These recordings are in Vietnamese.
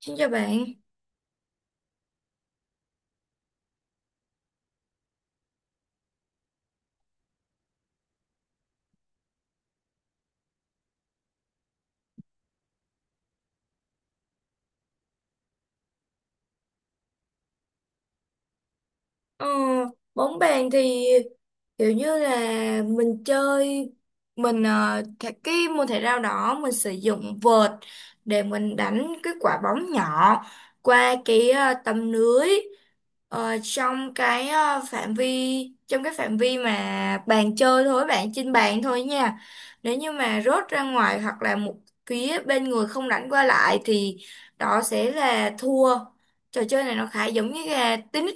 Xin chào bạn. Ờ, bóng bàn thì kiểu như là mình chơi, cái môn thể thao đó mình sử dụng vợt để mình đánh cái quả bóng nhỏ qua cái tấm lưới, trong cái phạm vi, trong cái phạm vi mà bàn chơi thôi bạn, trên bàn thôi nha. Nếu như mà rớt ra ngoài hoặc là một phía bên người không đánh qua lại thì đó sẽ là thua. Trò chơi này nó khá giống như là tennis.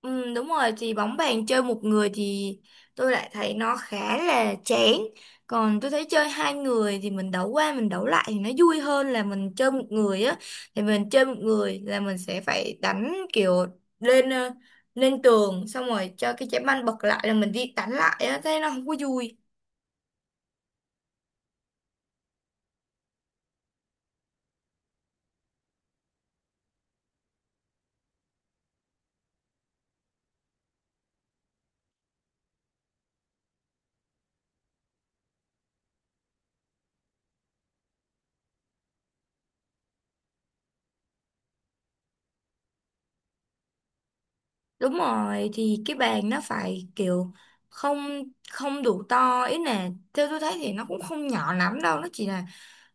Ừ, đúng rồi, thì bóng bàn chơi một người thì tôi lại thấy nó khá là chán, còn tôi thấy chơi hai người thì mình đấu qua mình đấu lại thì nó vui hơn là mình chơi một người á. Thì mình chơi một người là mình sẽ phải đánh kiểu lên ờ, lên tường, xong rồi cho cái trái banh bật lại là mình đi đánh lại á, thế nó không có vui. Đúng rồi, thì cái bàn nó phải kiểu không, đủ to, ý là theo tôi thấy thì nó cũng không nhỏ lắm đâu, nó chỉ là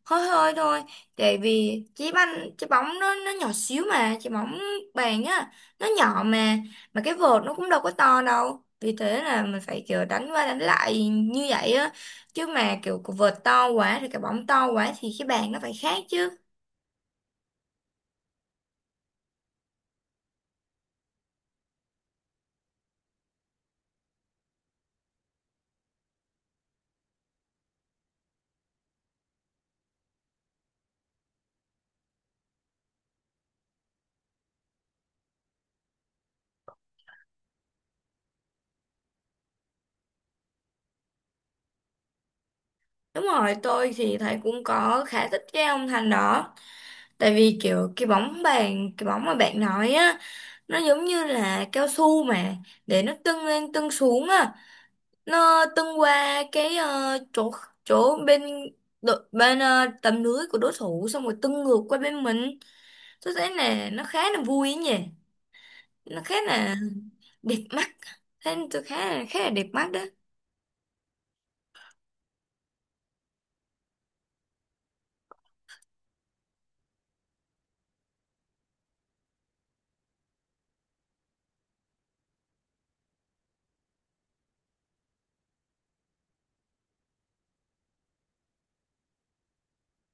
hơi hơi thôi. Tại vì trái banh, trái bóng nó nhỏ xíu mà, trái bóng bàn á, nó nhỏ mà, cái vợt nó cũng đâu có to đâu, vì thế là mình phải kiểu đánh qua đánh lại như vậy á. Chứ mà kiểu cái vợt to quá thì cái bóng to quá thì cái bàn nó phải khác chứ. Đúng rồi, tôi thì thấy cũng có khá thích cái ông Thành đó. Tại vì kiểu cái bóng bàn, cái bóng mà bạn nói á, nó giống như là cao su mà, để nó tưng lên tưng xuống á. Nó tung qua cái chỗ chỗ bên đội- bên ờ, tầm lưới của đối thủ, xong rồi tung ngược qua bên mình. Tôi thấy là nó khá là vui ấy nhỉ, nó khá là đẹp mắt. Thấy tôi khá là đẹp mắt đấy.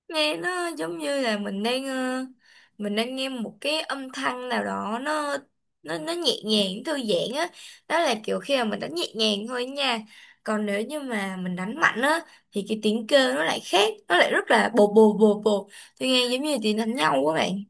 Nghe nó giống như là mình đang nghe một cái âm thanh nào đó, nó nhẹ nhàng thư giãn á. Đó là kiểu khi mà mình đánh nhẹ nhàng thôi nha, còn nếu như mà mình đánh mạnh á thì cái tiếng kêu nó lại khác, nó lại rất là bột bột bột bột, tôi nghe giống như tiếng đánh nhau quá bạn.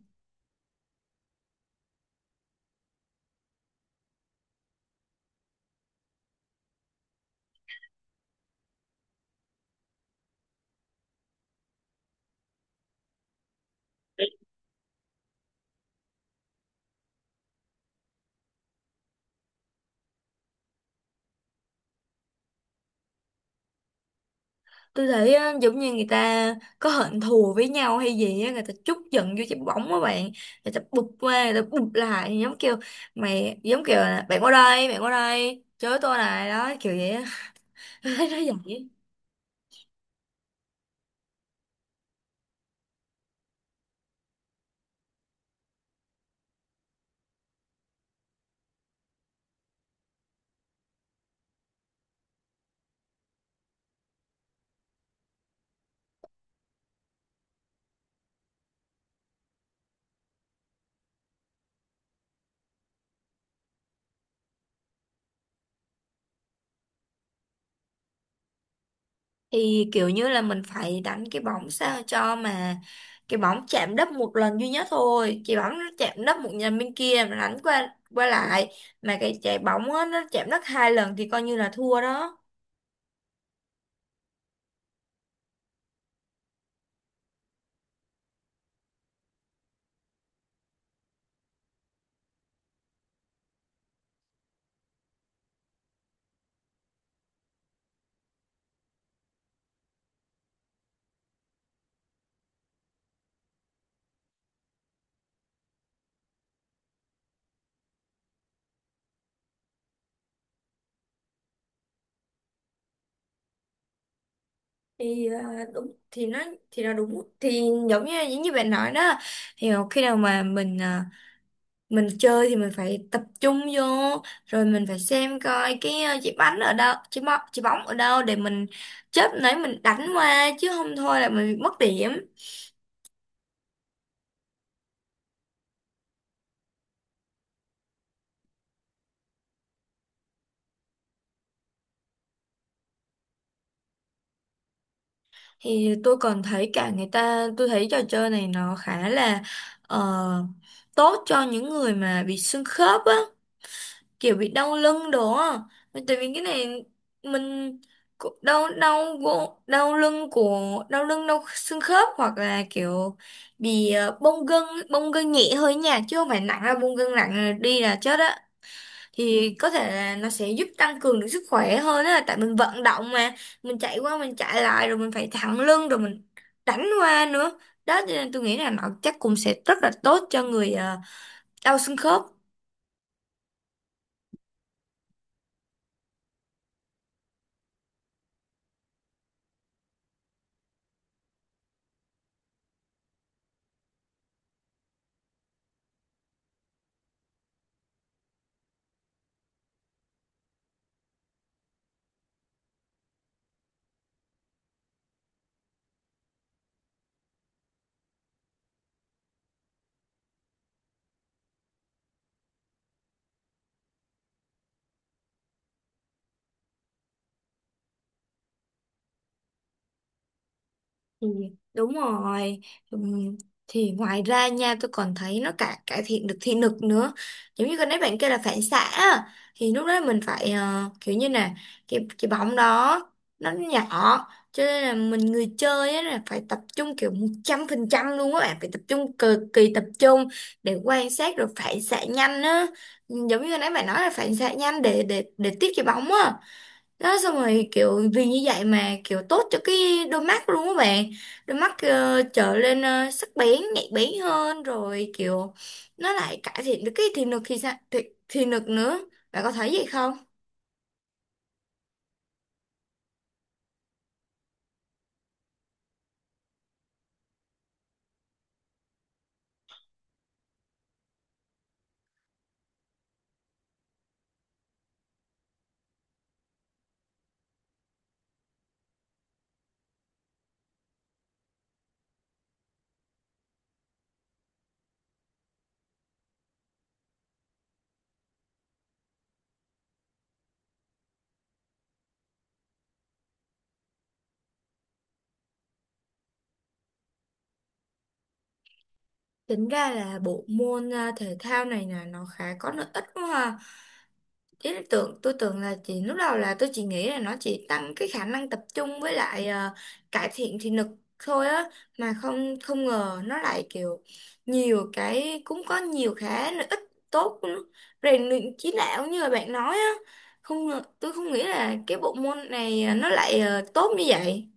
Tôi thấy á, giống như người ta có hận thù với nhau hay gì á, người ta trút giận vô trái bóng á bạn. Người ta bụp qua, người ta bụp lại, giống kiểu mày, giống kiểu là bạn qua đây, bạn qua đây chới tôi này đó, kiểu vậy á. Tôi thấy nó vậy. Thì kiểu như là mình phải đánh cái bóng sao cho mà cái bóng chạm đất một lần duy nhất thôi, cái bóng nó chạm đất một lần bên kia mà đánh qua qua lại, mà cái trái bóng á, nó chạm đất hai lần thì coi như là thua đó. Thì à, đúng thì nó thì là Đúng thì giống như, bạn nói đó. Thì khi nào mà mình chơi thì mình phải tập trung vô, rồi mình phải xem coi cái trái bánh ở đâu, trái bóng ở đâu để mình chớp nấy mình đánh qua, chứ không thôi là mình bị mất điểm. Thì tôi còn thấy cả người ta, tôi thấy trò chơi này nó khá là ờ, tốt cho những người mà bị xương khớp á, kiểu bị đau lưng đó. Tại vì cái này mình cũng đau, đau gỗ- đau lưng của đau lưng, đau xương khớp, hoặc là kiểu bị bong gân, bong gân nhẹ hơi nha, chứ không phải nặng, là bong gân nặng là đi là chết á. Thì có thể là nó sẽ giúp tăng cường được sức khỏe hơn á, tại mình vận động mà, mình chạy qua mình chạy lại rồi mình phải thẳng lưng rồi mình đánh qua nữa. Đó cho nên tôi nghĩ là nó chắc cũng sẽ rất là tốt cho người đau xương khớp. Ừ, đúng rồi. Ừm, thì ngoài ra nha, tôi còn thấy nó cả cải thiện được thị lực nữa. Giống như cái nãy bạn kêu là phản xạ á, thì lúc đó mình phải kiểu như là cái bóng đó nó nhỏ, cho nên là mình, người chơi á, là phải tập trung kiểu 100% luôn á bạn, phải tập trung cực kỳ tập trung để quan sát rồi phản xạ nhanh á. Ừ, giống như nãy bạn nói là phản xạ nhanh để tiếp cái bóng á. Đó, xong rồi kiểu vì như vậy mà kiểu tốt cho cái đôi mắt luôn các bạn. Đôi mắt trở lên sắc bén, nhạy bén hơn, rồi kiểu nó lại cải thiện được cái thị lực. Thì sao, thị lực nữa, bạn có thấy vậy không? Tính ra là bộ môn thể thao này là nó khá có lợi ích quá ha. Ý là tưởng, tôi tưởng là chỉ lúc đầu, là tôi chỉ nghĩ là nó chỉ tăng cái khả năng tập trung với lại cải thiện thị lực thôi á, mà không không ngờ nó lại kiểu nhiều cái, cũng có nhiều cái lợi ích tốt của nó. Rèn luyện trí não như là bạn nói á. Không ngờ- Tôi không nghĩ là cái bộ môn này nó lại tốt như vậy.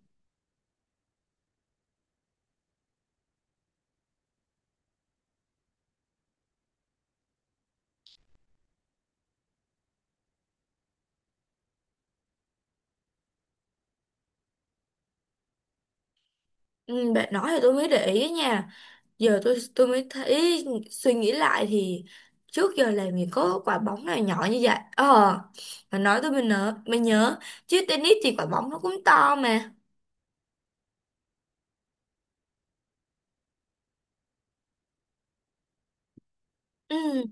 Ừ, bạn nói thì tôi mới để ý nha. Giờ tôi mới thấy, suy nghĩ lại thì trước giờ làm gì có quả bóng nào nhỏ như vậy. Ờ mà nói tôi mới nhớ, chứ tennis thì quả bóng nó cũng to mà. Ừ.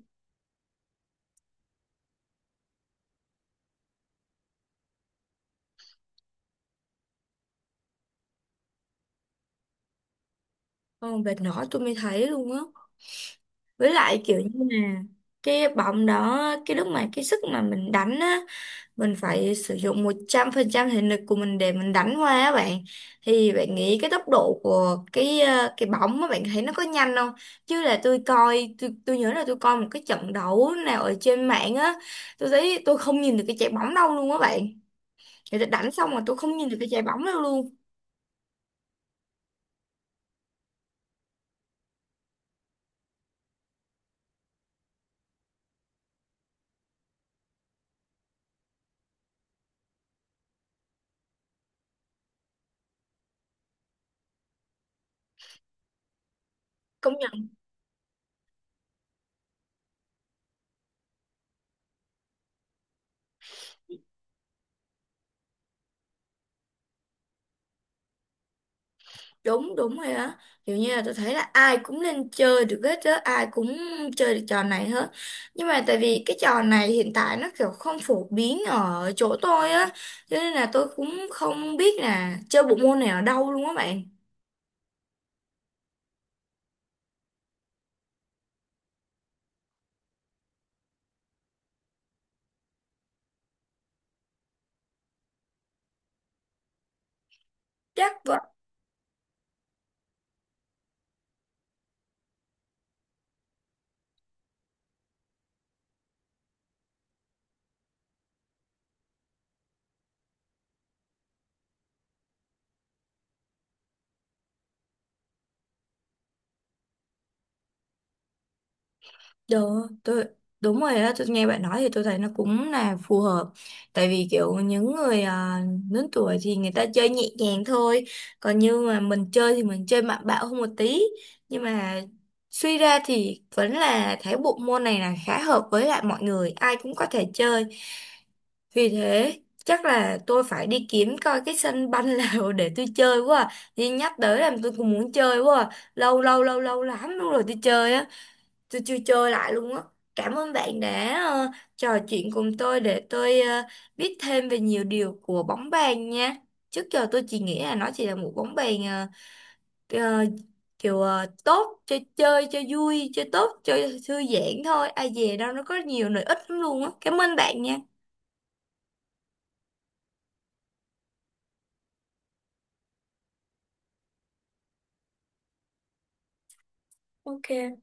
Còn vệt nỏ tôi mới thấy luôn á. Với lại kiểu như là cái bóng đó, cái lúc mà cái sức mà mình đánh á, mình phải sử dụng 100% thể lực của mình để mình đánh qua á bạn. Thì bạn nghĩ cái tốc độ của cái bóng á, bạn thấy nó có nhanh không? Chứ là tôi nhớ là tôi coi một cái trận đấu nào ở trên mạng á, tôi thấy tôi không nhìn được cái trái bóng đâu luôn á bạn. Người ta đánh xong mà tôi không nhìn được cái trái bóng đâu luôn. công đúng đúng rồi á. Kiểu như là tôi thấy là ai cũng nên chơi được hết á, ai cũng chơi được trò này hết. Nhưng mà tại vì cái trò này hiện tại nó kiểu không phổ biến ở chỗ tôi á, cho nên là tôi cũng không biết là chơi bộ môn này ở đâu luôn á bạn. Chắc vậy. Đúng, đúng rồi á, tôi nghe bạn nói thì tôi thấy nó cũng là phù hợp. Tại vì kiểu những người lớn tuổi thì người ta chơi nhẹ nhàng thôi, còn như mà mình chơi thì mình chơi mạnh bạo hơn một tí. Nhưng mà suy ra thì vẫn là thấy bộ môn này là khá hợp với lại mọi người, ai cũng có thể chơi. Vì thế chắc là tôi phải đi kiếm coi cái sân banh nào để tôi chơi quá. Đi nhắc tới làm tôi cũng muốn chơi quá. Lâu lâu lắm luôn rồi tôi chơi á, tôi chưa chơi lại luôn á. Cảm ơn bạn đã trò chuyện cùng tôi để tôi biết thêm về nhiều điều của bóng bàn nha. Trước giờ tôi chỉ nghĩ là nó chỉ là một bóng bàn, ờ, kiểu tốt, chơi, cho vui, chơi tốt, chơi thư giãn thôi, ai dè đâu nó có nhiều lợi ích lắm luôn á, cảm ơn bạn nha. Ok.